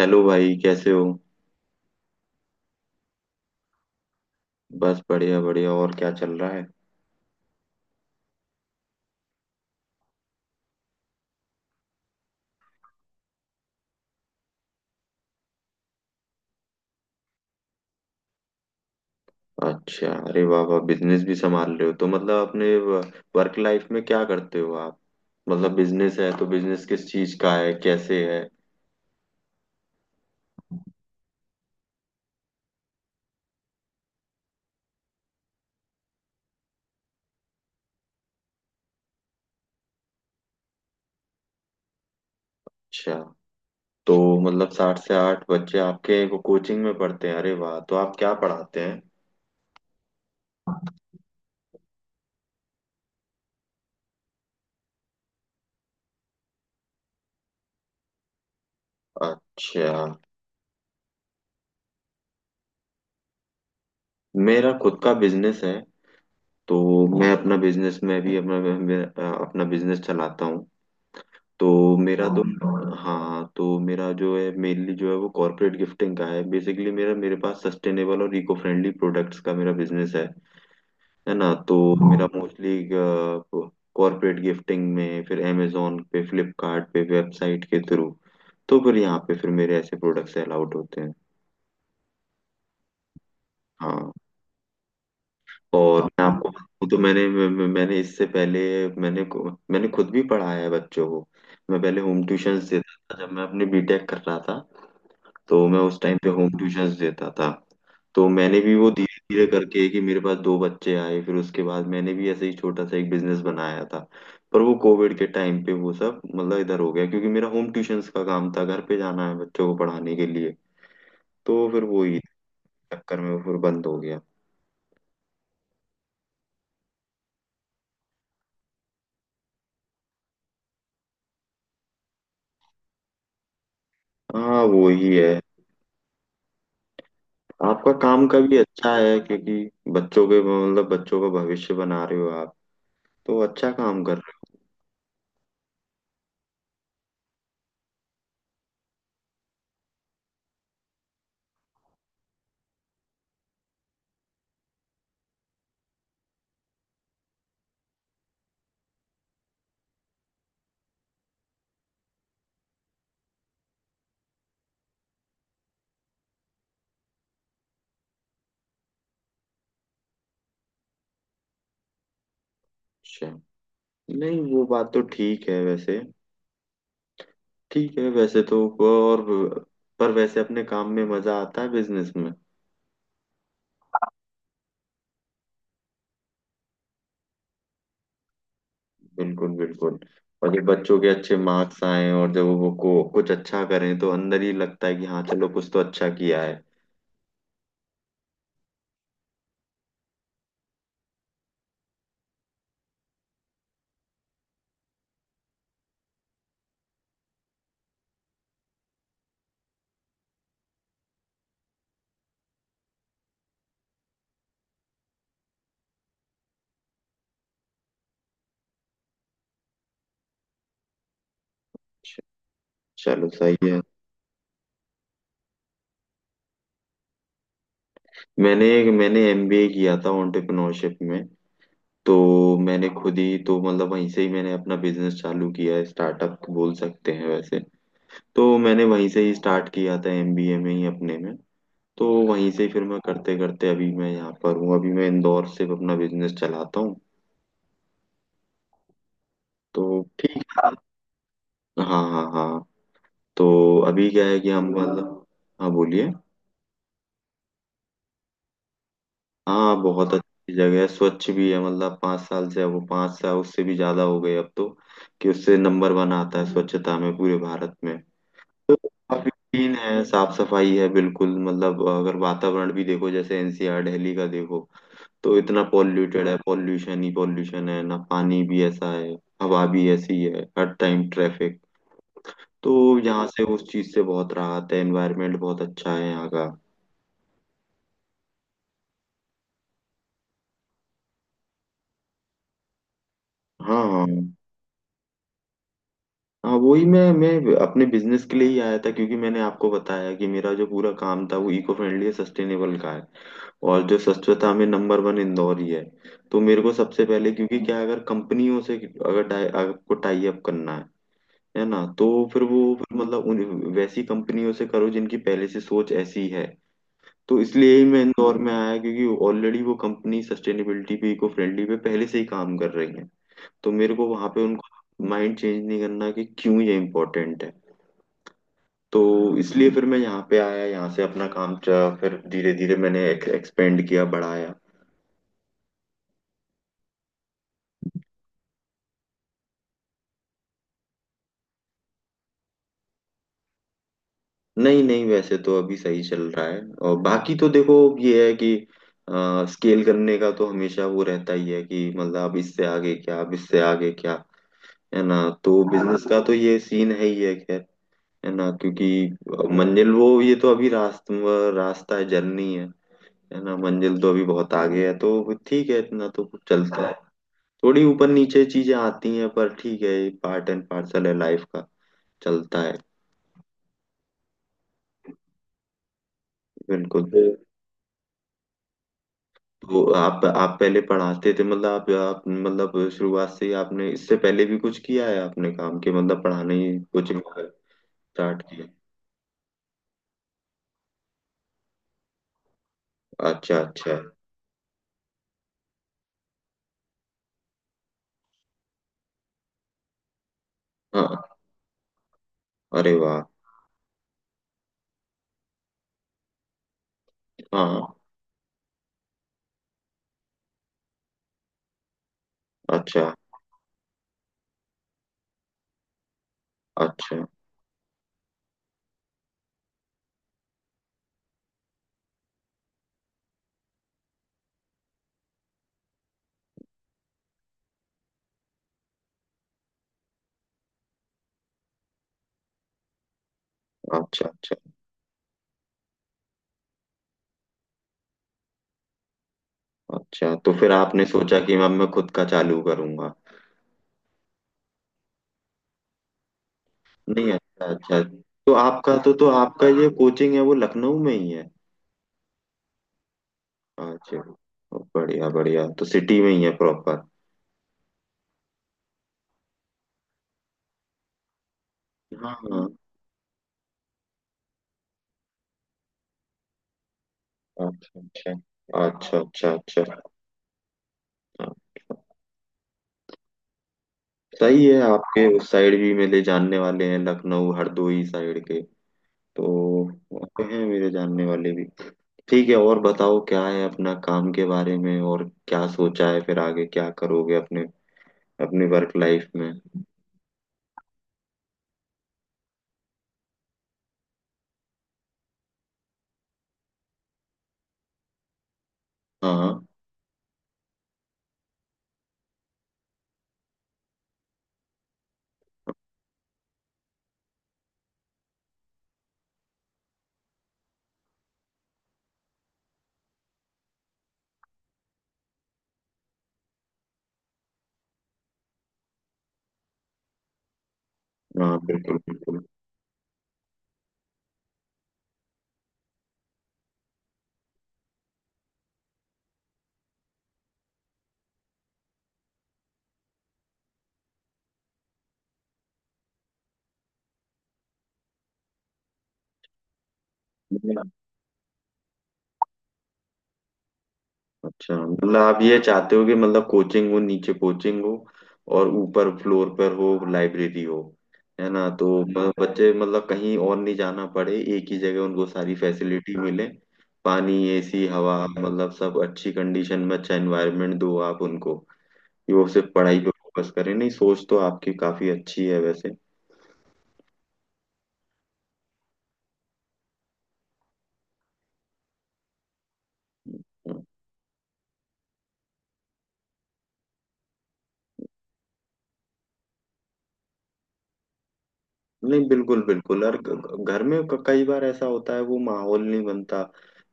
Hello भाई, कैसे हो? बस बढ़िया बढ़िया। और क्या चल रहा है? अच्छा। अरे वाह वाह, बिजनेस भी संभाल रहे हो तो मतलब अपने वर्क लाइफ में क्या करते हो आप? मतलब बिजनेस है तो बिजनेस किस चीज का है, कैसे है? अच्छा। तो मतलब साठ से आठ बच्चे आपके को कोचिंग में पढ़ते हैं? अरे वाह! तो आप क्या पढ़ाते हैं? अच्छा। मेरा खुद का बिजनेस है। तो मैं अपना बिजनेस में भी अपना अपना बिजनेस चलाता हूँ। तो मेरा तो, हाँ हाँ, तो मेरा जो है मेनली जो है वो कॉर्पोरेट गिफ्टिंग का है। बेसिकली मेरा, मेरे पास सस्टेनेबल और इको फ्रेंडली प्रोडक्ट्स का मेरा बिजनेस है ना? तो मेरा मोस्टली कॉर्पोरेट गिफ्टिंग में, फिर अमेजोन पे, फ्लिपकार्ट पे, वेबसाइट के थ्रू। तो फिर यहाँ पे फिर मेरे ऐसे प्रोडक्ट्स अलाउड होते हैं। हाँ। और मैं आपको बताऊं तो मैंने मैंने इससे पहले मैंने मैंने खुद भी पढ़ाया है बच्चों को। मैं पहले होम ट्यूशंस देता था जब मैं अपने बीटेक कर रहा था। तो मैं उस टाइम पे होम ट्यूशंस देता था। तो मैंने भी वो धीरे धीरे करके कि मेरे पास दो बच्चे आए, फिर उसके बाद मैंने भी ऐसे ही छोटा सा एक बिजनेस बनाया था। पर वो कोविड के टाइम पे वो सब मतलब इधर हो गया, क्योंकि मेरा होम ट्यूशंस का काम था, घर पे जाना है बच्चों को पढ़ाने के लिए। तो फिर वो ही चक्कर में वो फिर बंद हो गया। हाँ वो ही है। आपका काम का भी अच्छा है, क्योंकि बच्चों के मतलब बच्चों का भविष्य बना रहे हो आप। तो अच्छा काम कर रहे हो। उससे नहीं, वो बात तो ठीक है वैसे। ठीक है वैसे तो। और पर वैसे अपने काम में मजा आता है बिजनेस में। बिल्कुल बिल्कुल। और जब बच्चों के अच्छे मार्क्स आए और जब वो को कुछ अच्छा करें तो अंदर ही लगता है कि हाँ चलो कुछ तो अच्छा किया है। चलो सही है। मैंने मैंने एमबीए किया था एंटरप्रेन्योरशिप में। तो मैंने खुद ही तो मतलब वहीं से ही मैंने अपना बिजनेस चालू किया है, स्टार्टअप बोल सकते हैं वैसे। तो मैंने वहीं से ही स्टार्ट किया था एमबीए में ही अपने में। तो वहीं से फिर मैं करते करते अभी मैं यहाँ पर हूँ। अभी मैं इंदौर से अपना बिजनेस चलाता हूँ। तो ठीक है। हाँ हाँ हाँ। तो अभी क्या है कि हम मतलब, हाँ बोलिए। हाँ बहुत अच्छी जगह है, स्वच्छ भी है मतलब पाँच साल से वो, पाँच साल उससे भी ज्यादा हो गए अब तो, कि उससे नंबर वन आता है स्वच्छता में पूरे भारत में। तो काफी क्लीन है, साफ सफाई है बिल्कुल। मतलब अगर वातावरण भी देखो, जैसे एनसीआर दिल्ली का देखो तो इतना पॉल्यूटेड है, पॉल्यूशन ही पॉल्यूशन है ना, पानी भी ऐसा है, हवा भी ऐसी है, हर टाइम ट्रैफिक। तो यहाँ से उस चीज से बहुत राहत है, एनवायरनमेंट बहुत अच्छा है यहाँ का। हाँ हाँ। हाँ वही मैं अपने बिजनेस के लिए ही आया था, क्योंकि मैंने आपको बताया कि मेरा जो पूरा काम था वो इको फ्रेंडली सस्टेनेबल का है। और जो स्वच्छता में नंबर वन इंदौर ही है। तो मेरे को सबसे पहले क्योंकि क्या है, अगर कंपनियों से अगर टाई आपको टाई अप करना है ना? तो फिर वो फिर मतलब उन वैसी कंपनियों से करो जिनकी पहले से सोच ऐसी है। तो इसलिए ही मैं इंदौर में आया, क्योंकि ऑलरेडी वो कंपनी सस्टेनेबिलिटी पे, इको फ्रेंडली पे पहले से ही काम कर रही है। तो मेरे को वहां पे उनको माइंड चेंज नहीं करना कि क्यों ये इम्पोर्टेंट है। तो इसलिए फिर मैं यहाँ पे आया, यहाँ से अपना काम फिर धीरे धीरे मैंने एक्सपेंड किया, बढ़ाया। नहीं नहीं वैसे तो अभी सही चल रहा है। और बाकी तो देखो, ये है कि स्केल करने का तो हमेशा वो रहता ही है कि मतलब अब इससे आगे क्या, अब इससे आगे क्या, है ना? तो बिजनेस का तो ये सीन है ही है। खैर, है ना, क्योंकि मंजिल वो ये तो अभी रास्ता रास्ता है, जर्नी है ना। मंजिल तो अभी बहुत आगे है। तो ठीक है, इतना तो चलता है। थोड़ी ऊपर नीचे चीजें आती हैं पर ठीक है, पार्ट एंड पार्सल है लाइफ का। चलता है। बिल्कुल। तो आप पहले पढ़ाते थे मतलब आप मतलब शुरुआत से ही आपने इससे पहले भी कुछ किया है? आपने काम के मतलब पढ़ाने ही कोचिंग स्टार्ट किया? अच्छा अच्छा। हाँ। अरे वाह। हाँ। अच्छा अच्छा। अच्छा अच्छा अच्छा। तो फिर आपने सोचा कि अब मैं खुद का चालू करूंगा? नहीं अच्छा अच्छा। तो आपका तो आपका ये कोचिंग है वो लखनऊ में ही है? अच्छा। बढ़िया बढ़िया। तो सिटी में ही है प्रॉपर? हाँ हाँ। अच्छा अच्छा अच्छा अच्छा अच्छा। हाँ, सही है। आपके उस साइड भी मेरे जानने वाले हैं, लखनऊ हरदोई साइड के। तो वहाँ पे हैं मेरे जानने वाले भी। ठीक है। और बताओ क्या है अपना काम के बारे में, और क्या सोचा है फिर आगे क्या करोगे अपने, अपने वर्क लाइफ में? हाँ हाँ। हाँ, बिल्कुल बिल्कुल। अच्छा, मतलब आप ये चाहते हो कि मतलब कोचिंग हो नीचे कोचिंग हो, और ऊपर फ्लोर पर हो लाइब्रेरी हो, है ना? तो बच्चे मतलब कहीं और नहीं जाना पड़े, एक ही जगह उनको सारी फैसिलिटी मिले। पानी, एसी, हवा मतलब सब अच्छी कंडीशन में अच्छा एनवायरनमेंट दो आप उनको, कि वो सिर्फ पढ़ाई पे फोकस करें। नहीं, सोच तो आपकी काफी अच्छी है वैसे। नहीं बिल्कुल बिल्कुल। और घर में कई बार ऐसा होता है वो माहौल नहीं बनता,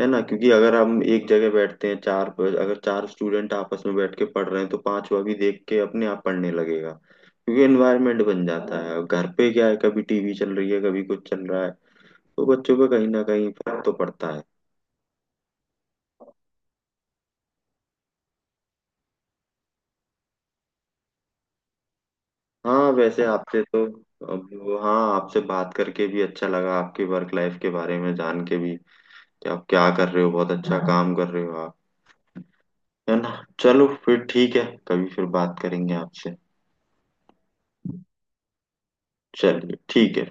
है ना? क्योंकि अगर हम एक जगह बैठते हैं चार, अगर चार स्टूडेंट आपस में बैठ के पढ़ रहे हैं तो पांचवा भी देख के अपने आप पढ़ने लगेगा, क्योंकि एनवायरनमेंट बन जाता है। अब घर पे क्या है, कभी टीवी चल रही है, कभी कुछ चल रहा है। तो बच्चों पे कहीं ना कहीं फर्क तो पड़ता है। हाँ वैसे आपसे तो, अब हाँ आपसे बात करके भी अच्छा लगा, आपकी वर्क लाइफ के बारे में जान के भी, कि आप क्या कर रहे हो। बहुत अच्छा काम कर रहे हो आप, है ना? चलो फिर ठीक है, कभी फिर बात करेंगे आपसे। चलिए ठीक है।